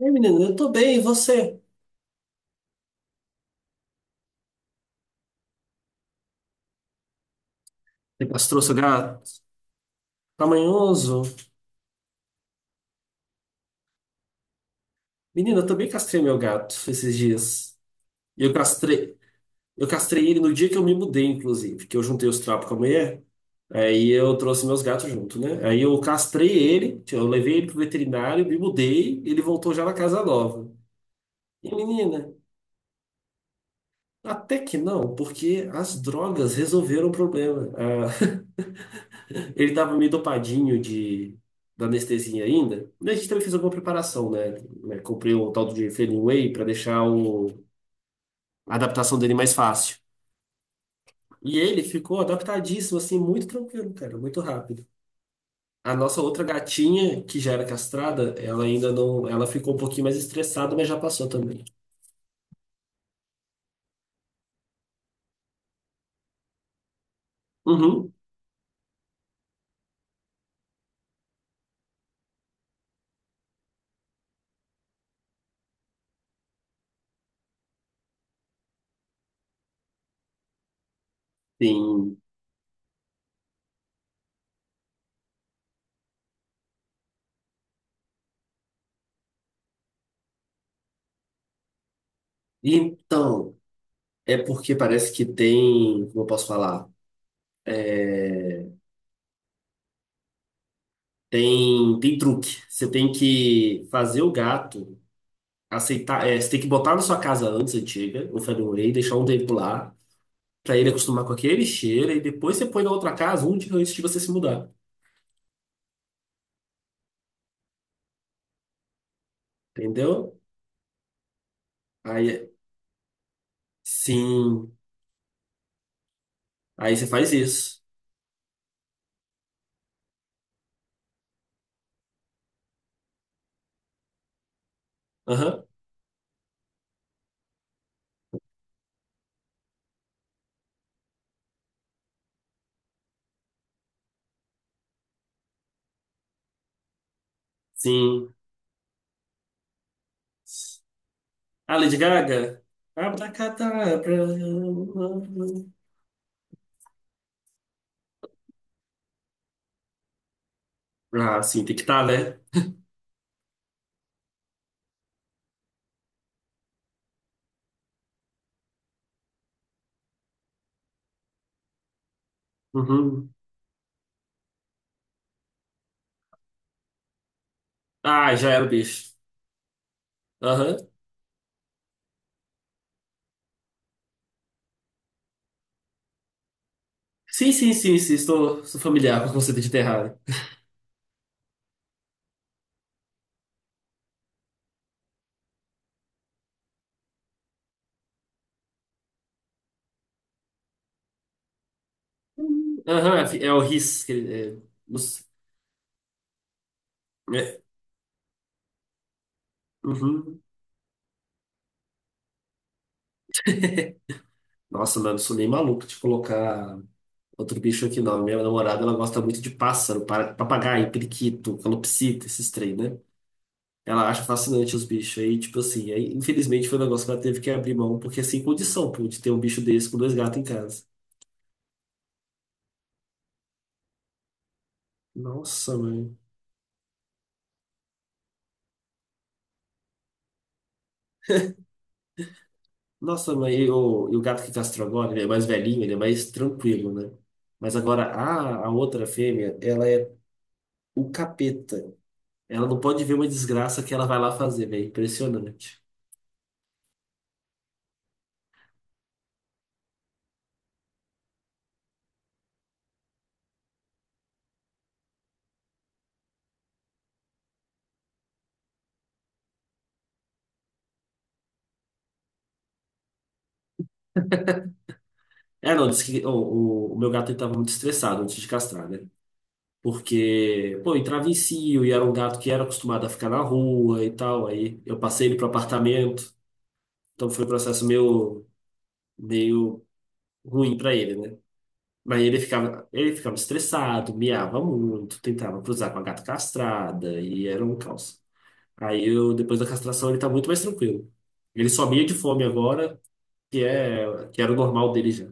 Ei, menina, eu tô bem, e você? Você castrou seu gato? Tá manhoso? Menino, eu também castrei meu gato esses dias. E Eu castrei, eu castrei ele no dia que eu me mudei, inclusive, que eu juntei os trapos com a mulher. Aí eu trouxe meus gatos junto, né? Aí eu castrei ele, eu levei ele pro veterinário, me mudei, ele voltou já na casa nova. E menina, até que não, porque as drogas resolveram o problema. Ah, ele tava meio dopadinho da anestesia ainda. E a gente também fez alguma preparação, né? Né, comprei um tal de Failing Whey para deixar a adaptação dele mais fácil. E ele ficou adaptadíssimo, assim, muito tranquilo, cara, muito rápido. A nossa outra gatinha, que já era castrada, ela ainda não. Ela ficou um pouquinho mais estressada, mas já passou também. Uhum, sim. Então, é porque parece que tem. Como eu posso falar? é, tem truque. Você tem que fazer o gato aceitar. Você tem que botar na sua casa antes antiga, o Fenway, deixar um tempo lá, pra ele acostumar com aquele cheiro, e depois você põe na outra casa um dia antes de você se mudar. Entendeu? Aí, sim. Aí você faz isso. Aham, sim. Ah, Lady Gaga? Abracadabra. Ah, sim, tem que estar, né? Uhum. Ah, já era o bicho. Aham. Sim, sim, sim, sim. Estou familiar com o conceito de terra. Aham, é o RIS. Que, ele- é, nos- é, uhum. Nossa, mano, sou nem maluco de colocar outro bicho aqui, não. Minha namorada, ela gosta muito de pássaro, para- papagaio, periquito, calopsita, esses três, né? Ela acha fascinante os bichos. Aí, tipo assim, aí, infelizmente foi um negócio que ela teve que abrir mão, porque é sem condição, pô, de ter um bicho desse com dois gatos em casa. Nossa, mãe. Nossa, mãe, e o gato que castrou agora, ele é mais velhinho, ele é mais tranquilo, né? Mas agora, a outra fêmea, ela é o capeta. Ela não pode ver uma desgraça que ela vai lá fazer, velho. Impressionante. É, não, disse que o meu gato ele tava muito estressado antes de castrar, né? Porque, pô, entrava em cio e era um gato que era acostumado a ficar na rua e tal. Aí eu passei ele pro apartamento. Então foi um processo meio ruim pra ele, né? Mas ele ficava estressado, miava muito, tentava cruzar com a gata castrada e era um caos. Aí eu, depois da castração, ele tá muito mais tranquilo. Ele só mia de fome agora, que é que era o normal dele já.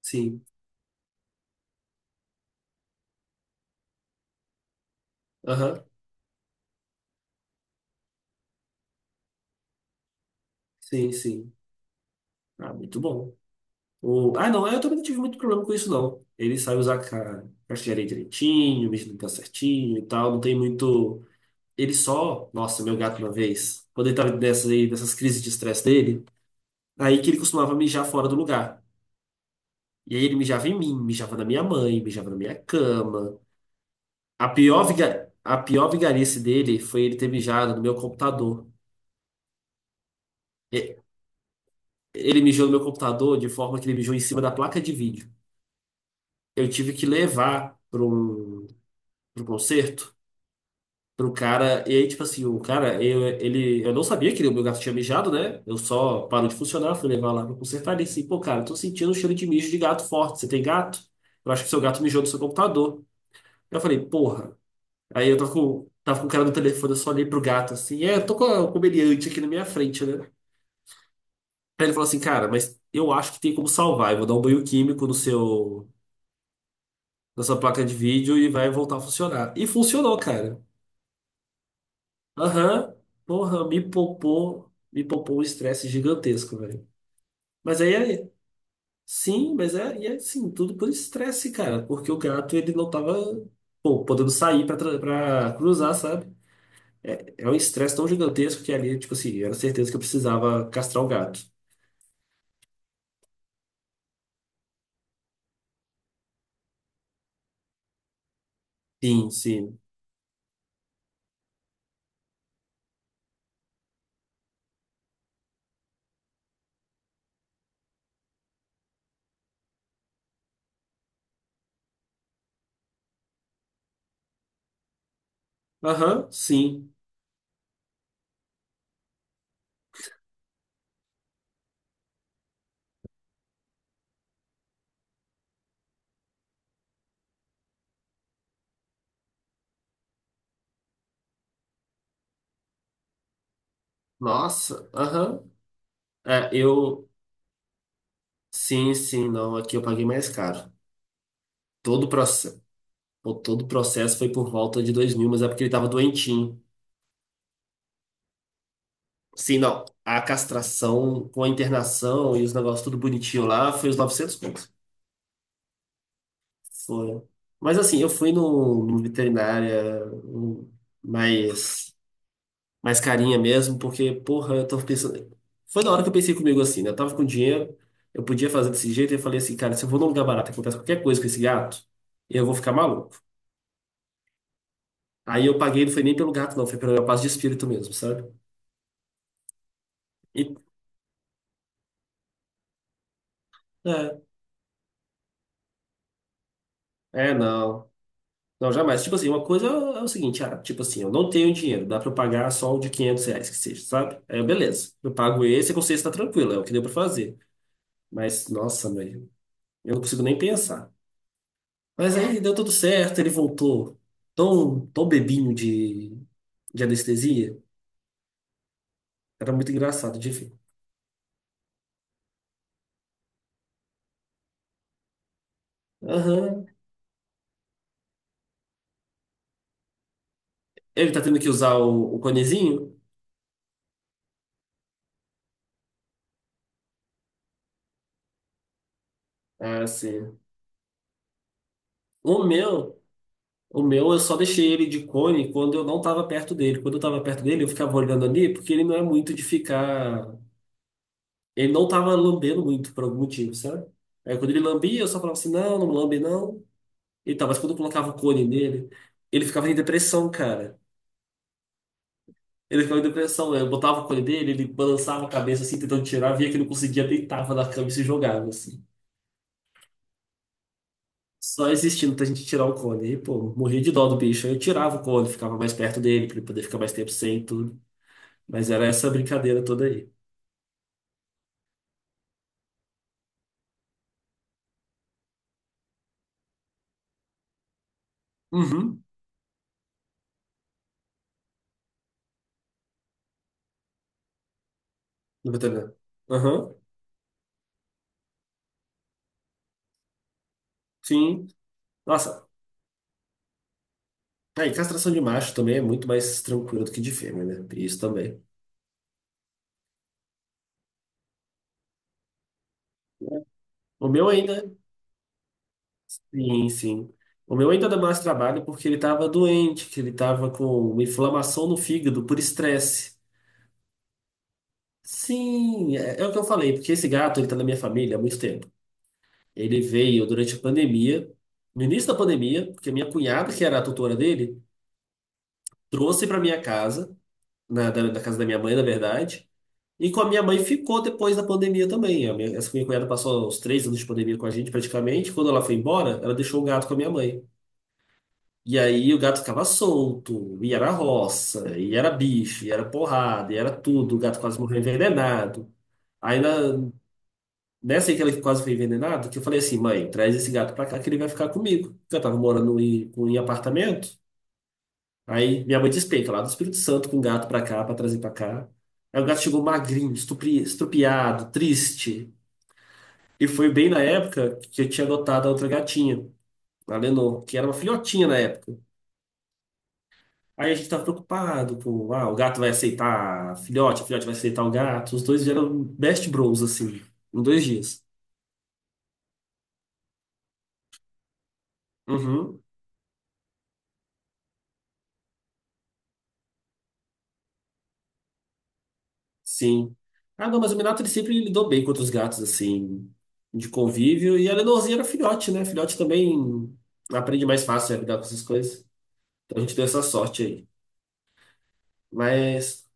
Sim. Aham. Sim, sim. Ah, muito bom. Ah, não, eu também não tive muito problema com isso, não. Ele sabe usar ca... castilharia direitinho, mesmo tá certinho e tal. Não tem muito. Ele só. Nossa, meu gato uma vez. Quando ele tava nessas, aí, nessas crises de estresse dele, aí que ele costumava mijar fora do lugar. E aí ele mijava em mim, mijava na minha mãe, mijava na minha cama. A pior, viga... A pior vigarice dele foi ele ter mijado no meu computador. Ele mijou no meu computador de forma que ele mijou em cima da placa de vídeo. Eu tive que levar para um concerto, para o cara. E aí, tipo assim, o cara, eu, ele, eu não sabia que o meu gato tinha mijado, né? Eu só parou de funcionar, fui levar lá para consertar. Ele disse, pô, cara, eu tô sentindo um cheiro de mijo de gato forte. Você tem gato? Eu acho que seu gato mijou no seu computador. Eu falei, porra. Aí eu tava com o cara no telefone, eu só olhei pro gato assim, é, eu tô com o comediante aqui na minha frente, né? Aí ele falou assim, cara, mas eu acho que tem como salvar. Eu vou dar um banho químico no seu. Da sua placa de vídeo e vai voltar a funcionar. E funcionou, cara. Aham, porra, me poupou um estresse gigantesco, velho. Mas aí, aí, sim, sim, tudo por estresse, cara, porque o gato ele não tava, pô, podendo sair pra, tra- pra cruzar, sabe? É um estresse tão gigantesco que ali, tipo assim, era certeza que eu precisava castrar o gato. Sim, sim. Aham, sim. Nossa, aham. É, eu. Sim, sim, não. Aqui eu paguei mais caro. Todo o processo. Pô, todo o processo foi por volta de 2000, mas é porque ele tava doentinho. Sim, não. A castração com a internação e os negócios tudo bonitinho lá foi os 900 pontos. Foi. Mas assim, eu fui no veterinária mais, mais carinha mesmo, porque, porra, eu tava pensando. Foi na hora que eu pensei comigo assim, né? Eu tava com dinheiro, eu podia fazer desse jeito, e eu falei assim, cara, se eu vou num lugar barato e acontece qualquer coisa com esse gato, eu vou ficar maluco. Aí eu paguei, não foi nem pelo gato, não, foi pela minha paz de espírito mesmo, sabe? E, é. É, não. Não, jamais. Tipo assim, uma coisa é o seguinte, ah, tipo assim, eu não tenho dinheiro, dá pra eu pagar só o de 500 reais que seja, sabe? Aí, eu, beleza. Eu pago esse e a consciência tá tranquila, é o que deu pra fazer. Mas, nossa, mãe, eu não consigo nem pensar. Mas aí deu tudo certo, ele voltou tão bebinho de anestesia. Era muito engraçado de ver. Aham. Ele tá tendo que usar o conezinho? Ah, sim. O meu O meu, eu só deixei ele de cone quando eu não tava perto dele. Quando eu tava perto dele, eu ficava olhando ali, porque ele não é muito de ficar. Ele não tava lambendo muito por algum motivo, sabe? Aí quando ele lambia, eu só falava assim: não, não lambe não. E tá, mas quando eu colocava o cone nele, ele ficava em depressão, cara. Ele ficava em depressão. Né? Eu botava o cone dele, ele balançava a cabeça assim, tentando tirar, via que não conseguia, deitava na cama e se jogava, assim. Só existindo pra gente tirar o cone. E, pô, morria de dó do bicho. Aí eu tirava o cone, ficava mais perto dele, pra ele poder ficar mais tempo sem e tudo. Mas era essa brincadeira toda aí. Uhum. No BTB. Aham, sim. Nossa, aí castração de macho também é muito mais tranquilo do que de fêmea, né? Tem isso também. O meu ainda, sim, sim. O meu ainda dá mais trabalho porque ele tava doente, que ele tava com uma inflamação no fígado por estresse. Sim, é, é o que eu falei, porque esse gato, ele tá na minha família há muito tempo. Ele veio durante a pandemia, no início da pandemia, porque a minha cunhada, que era a tutora dele, trouxe para minha casa, da casa da minha mãe, na verdade. E com a minha mãe ficou depois da pandemia também. A minha- essa minha cunhada passou uns 3 anos de pandemia com a gente, praticamente. Quando ela foi embora, ela deixou o gato com a minha mãe. E aí o gato ficava solto, e era roça, e era bicho, e era porrada, e era tudo. O gato quase morreu envenenado. Aí na, nessa aí que ele quase foi envenenado, que eu falei assim, mãe, traz esse gato pra cá que ele vai ficar comigo. Porque eu tava morando em apartamento. Aí minha mãe despenca lá do Espírito Santo com o gato pra cá, pra trazer pra cá. Aí o gato chegou magrinho, estupri- estrupiado, triste. E foi bem na época que eu tinha adotado a outra gatinha, a Lenor, que era uma filhotinha na época. Aí a gente tava preocupado com, ah, o gato vai aceitar a filhote vai aceitar o gato. Os dois eram best bros, assim, em 2 dias. Uhum, sim. Ah, não, mas o Minato ele sempre lidou bem com outros gatos, assim, de convívio. E a Lenorzinha era filhote, né? Filhote também aprende mais fácil a lidar com essas coisas. Então a gente deu essa sorte aí. Mas,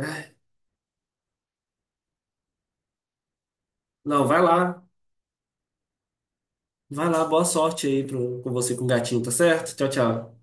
ah, não, vai lá. Vai lá, boa sorte aí pro, com você com o gatinho, tá certo? Tchau, tchau.